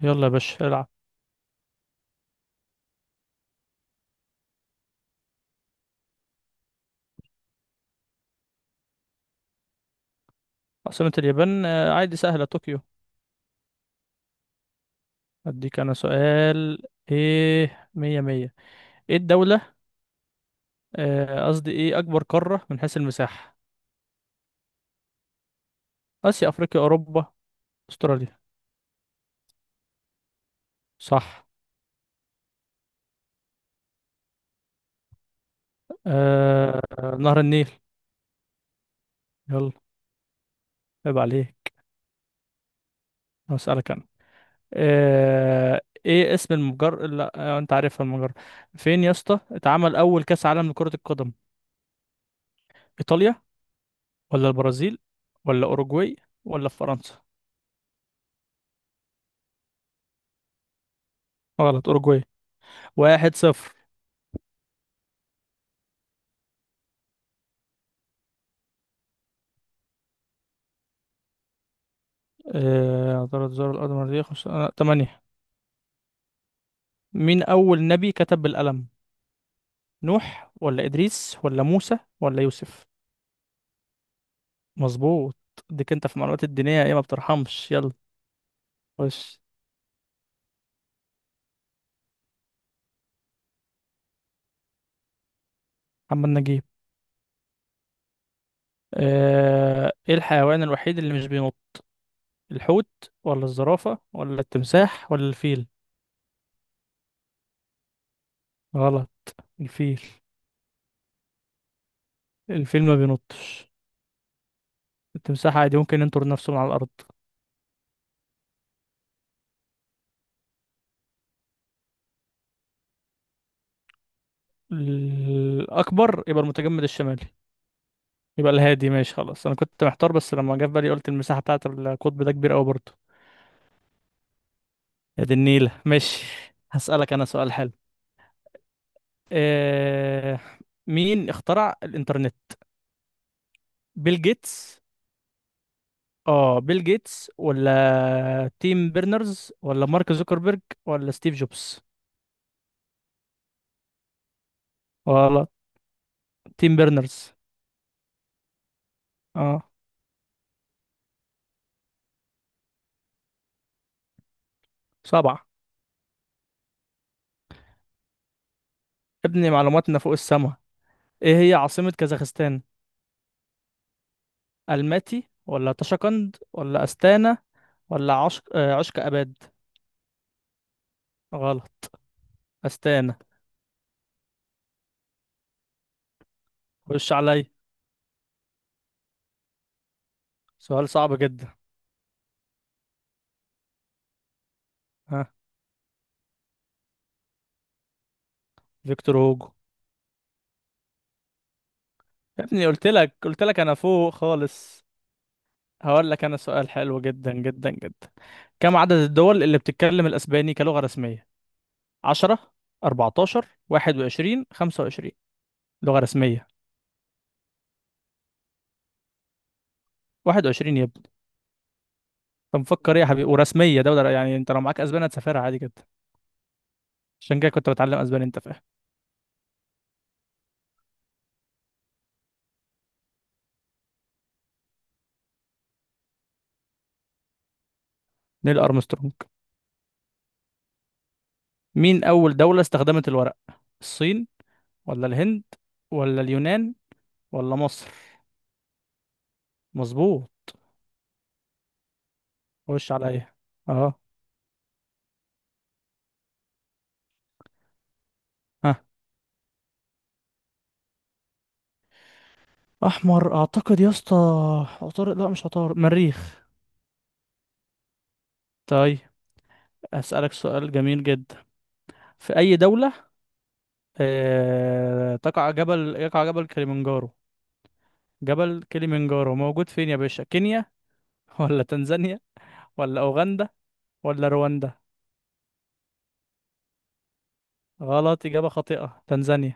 يلا يا باشا العب. عاصمة اليابان، عادي سهلة، طوكيو. أديك أنا سؤال. إيه، مية مية. إيه الدولة؟ قصدي إيه أكبر قارة من حيث المساحة؟ آسيا، أفريقيا، أوروبا، أستراليا. صح. آه، نهر النيل. يلا، عيب عليك. هسألك أنا. آه، إيه اسم المجر، لا آه، أنت عارفها المجرة. فين يا اسطى اتعمل أول كأس عالم لكرة القدم؟ إيطاليا، ولا البرازيل، ولا أوروجواي، ولا في فرنسا؟ غلط، أوروجواي. واحد صفر. عثرت زار الأرض مرتين. خمسة، تمانية. مين أول نبي كتب بالقلم؟ نوح، ولا إدريس، ولا موسى، ولا يوسف؟ مظبوط. ديك أنت في المعلومات الدينية، إيه ما بترحمش؟ يلا. خش. محمد نجيب. إيه الحيوان الوحيد اللي مش بينط؟ الحوت، ولا الزرافة، ولا التمساح، ولا الفيل؟ غلط، الفيل. الفيل ما بينطش. التمساح عادي ممكن ينطر نفسه من على الأرض. الأكبر يبقى المتجمد الشمالي. يبقى الهادي، ماشي خلاص، انا كنت محتار، بس لما جه في بالي قلت المساحه بتاعت القطب ده كبيره قوي برضه. يا دي النيله، ماشي. هسألك انا سؤال حلو. إيه... مين اخترع الانترنت؟ بيل جيتس، اه بيل جيتس، ولا تيم بيرنرز، ولا مارك زوكربيرج، ولا ستيف جوبز، ولا تيم بيرنرز. اه. سبعة. ابني معلوماتنا فوق السما. ايه هي عاصمة كازاخستان؟ الماتي، ولا طشقند، ولا استانا، ولا عشق اباد. غلط، استانا. خش عليا. سؤال صعب جدا. ها. فيكتور هوجو. يا ابني قلت لك انا فوق خالص. هقول لك انا سؤال حلو جدا. كم عدد الدول اللي بتتكلم الاسباني كلغة رسمية؟ 10، 14، 21، 25 لغة رسمية. 21 يا ابني. انت مفكر ايه يا حبيبي؟ ورسمية دولة يعني، انت لو معاك اسباني هتسافرها عادي جدا. عشان كده كنت بتعلم اسباني، انت فاهم. نيل ارمسترونج. مين اول دولة استخدمت الورق؟ الصين، ولا الهند، ولا اليونان، ولا مصر؟ مظبوط. خش عليا. اه. ها. احمر، اعتقد يا اسطى عطارد. لا، مش عطارد، مريخ. طيب، اسالك سؤال جميل جدا. في اي دوله آه... تقع جبل يقع جبل كليمنجارو؟ جبل كليمنجارو موجود فين يا باشا؟ كينيا، ولا تنزانيا، ولا اوغندا، ولا رواندا؟ غلط، اجابه خاطئه، تنزانيا.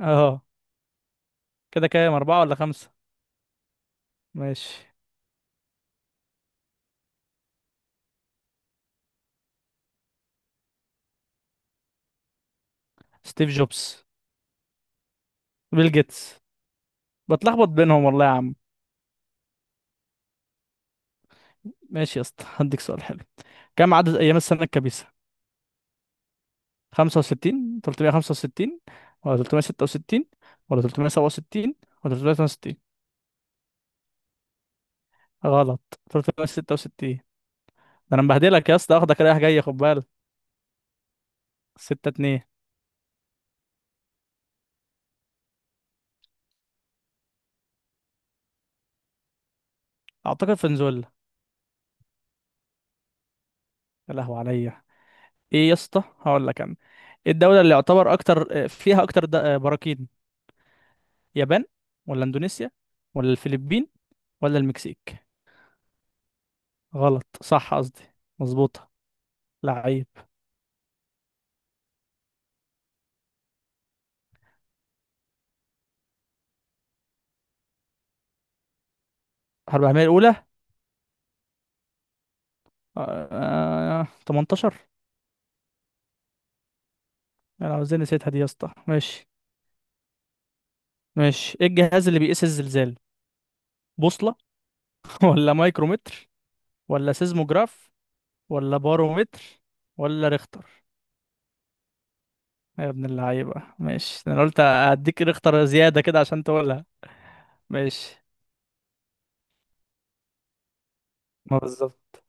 اه. كده كام، اربعه ولا خمسه؟ ماشي. ستيف جوبز. بيل جيتس. بتلخبط بينهم والله يا عم. ماشي يا اسطى، هديك سؤال حلو. كم عدد ايام السنه الكبيسه؟ خمسة وستين، تلتمية خمسة وستين، ولا تلتمية ستة وستين، ولا تلتمية سبعة وستين، ولا تلتمية تمانية وستين؟ غلط، تلتمية ستة وستين. ده أنا مبهدلك يا اسطى، واخدك رايح جاي، خد بالك. ستة اتنين. أعتقد فنزويلا. يا لهوي عليا. إيه يا اسطى، هقول لك أنا. إيه الدولة اللي يعتبر أكتر فيها أكتر براكين؟ يابان، ولا إندونيسيا، ولا الفلبين، ولا المكسيك؟ غلط، صح قصدي، مظبوطة. لعيب. حرب العالمية الأولى. 18. أنا عاوزين نسيتها دي يا اسطى، ماشي. ماشي، ايه الجهاز اللي بيقيس الزلزال؟ بوصلة، ولا مايكرومتر، ولا سيزموجراف، ولا بارومتر، ولا ريختر؟ يا ابن اللعيبة ماشي، انا قلت هديك ريختر زيادة كده عشان تقولها. ماشي. ما بالظبط.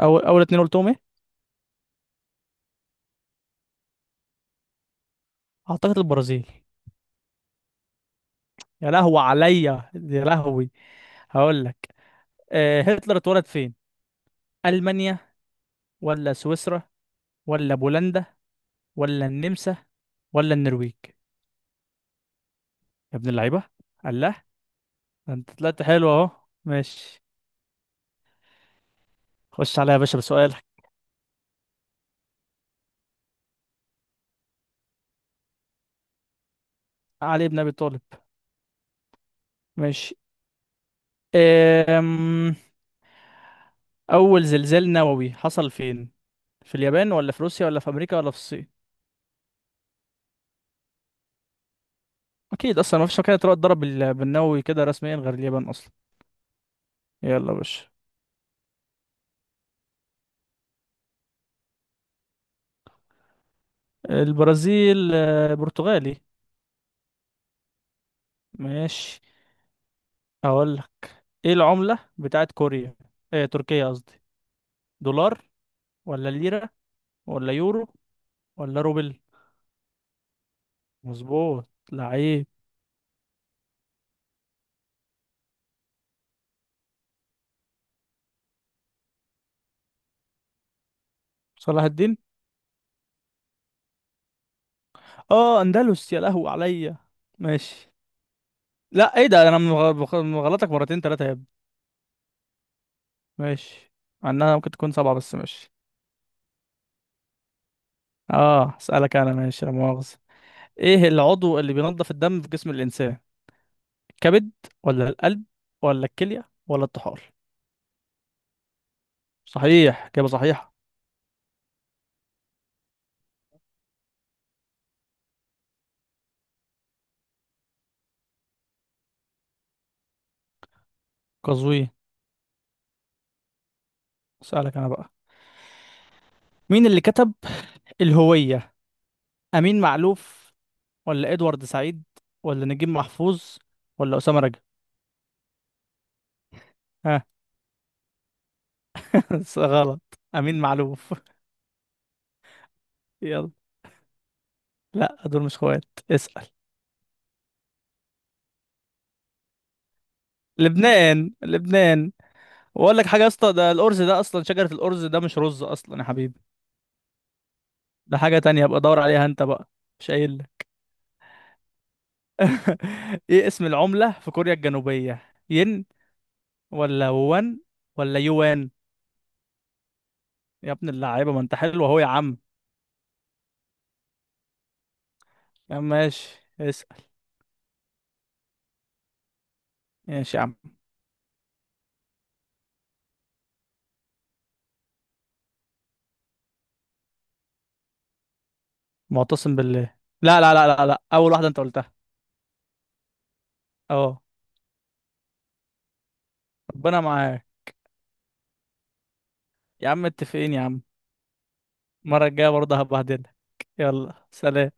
اول اول اتنين قلتهم ايه؟ اعتقد البرازيل. يا لهوي عليا، يا لهوي. هقول لك. أه، هتلر اتولد فين؟ المانيا، ولا سويسرا، ولا بولندا، ولا النمسا، ولا النرويج؟ يا ابن اللعيبه. الله. ده انت طلعت حلو اهو. ماشي. خش عليا يا باشا بسؤال. علي بن ابي طالب. ماشي. أم... اول زلزال نووي حصل فين؟ في اليابان، ولا في روسيا، ولا في امريكا، ولا في الصين؟ اكيد، اصلا ما فيش مكان تروح تضرب بالنووي كده رسميا غير اليابان اصلا. يلا يا باشا. البرازيل، برتغالي. ماشي. اقول لك. ايه العملة بتاعت كوريا؟ إيه تركيا قصدي. دولار، ولا ليرة، ولا يورو، ولا روبل؟ مظبوط. لعيب. صلاح الدين. اه، اندلس، يا لهو عليا. ماشي. لا ايه ده، انا مغلطك مرتين تلاتة يا ابني. ماشي. مع انها ممكن تكون سبعة، بس ماشي. اه، اسألك انا ماشي، لا مؤاخذة. ايه العضو اللي بينظف الدم في جسم الانسان؟ الكبد، ولا القلب، ولا الكلية، ولا الطحال؟ صحيح، إجابة صحيحة. قزوين. اسألك انا بقى. مين اللي كتب الهوية؟ امين معلوف، ولا ادوارد سعيد، ولا نجيب محفوظ، ولا اسامة رجب؟ ها. غلط. امين معلوف. يلا. لا، دول مش اخوات. اسأل. لبنان، لبنان. واقول لك حاجة يا اسطى، ده الأرز ده أصلا شجرة الأرز، ده مش رز أصلا يا حبيبي. ده حاجة تانية، ابقى دور عليها أنت بقى. مش قايل لك. إيه اسم العملة في كوريا الجنوبية؟ ين، ولا وان، ولا يوان؟ يا ابن اللعيبة، ما أنت حلو أهو يا عم. يا عم ماشي، اسأل. ماشي يا عم. معتصم بالله. لا، أول واحدة أنت قلتها. أه. ربنا معاك. يا عم متفقين يا عم. المرة الجاية برضه هبهدلك. يلا سلام.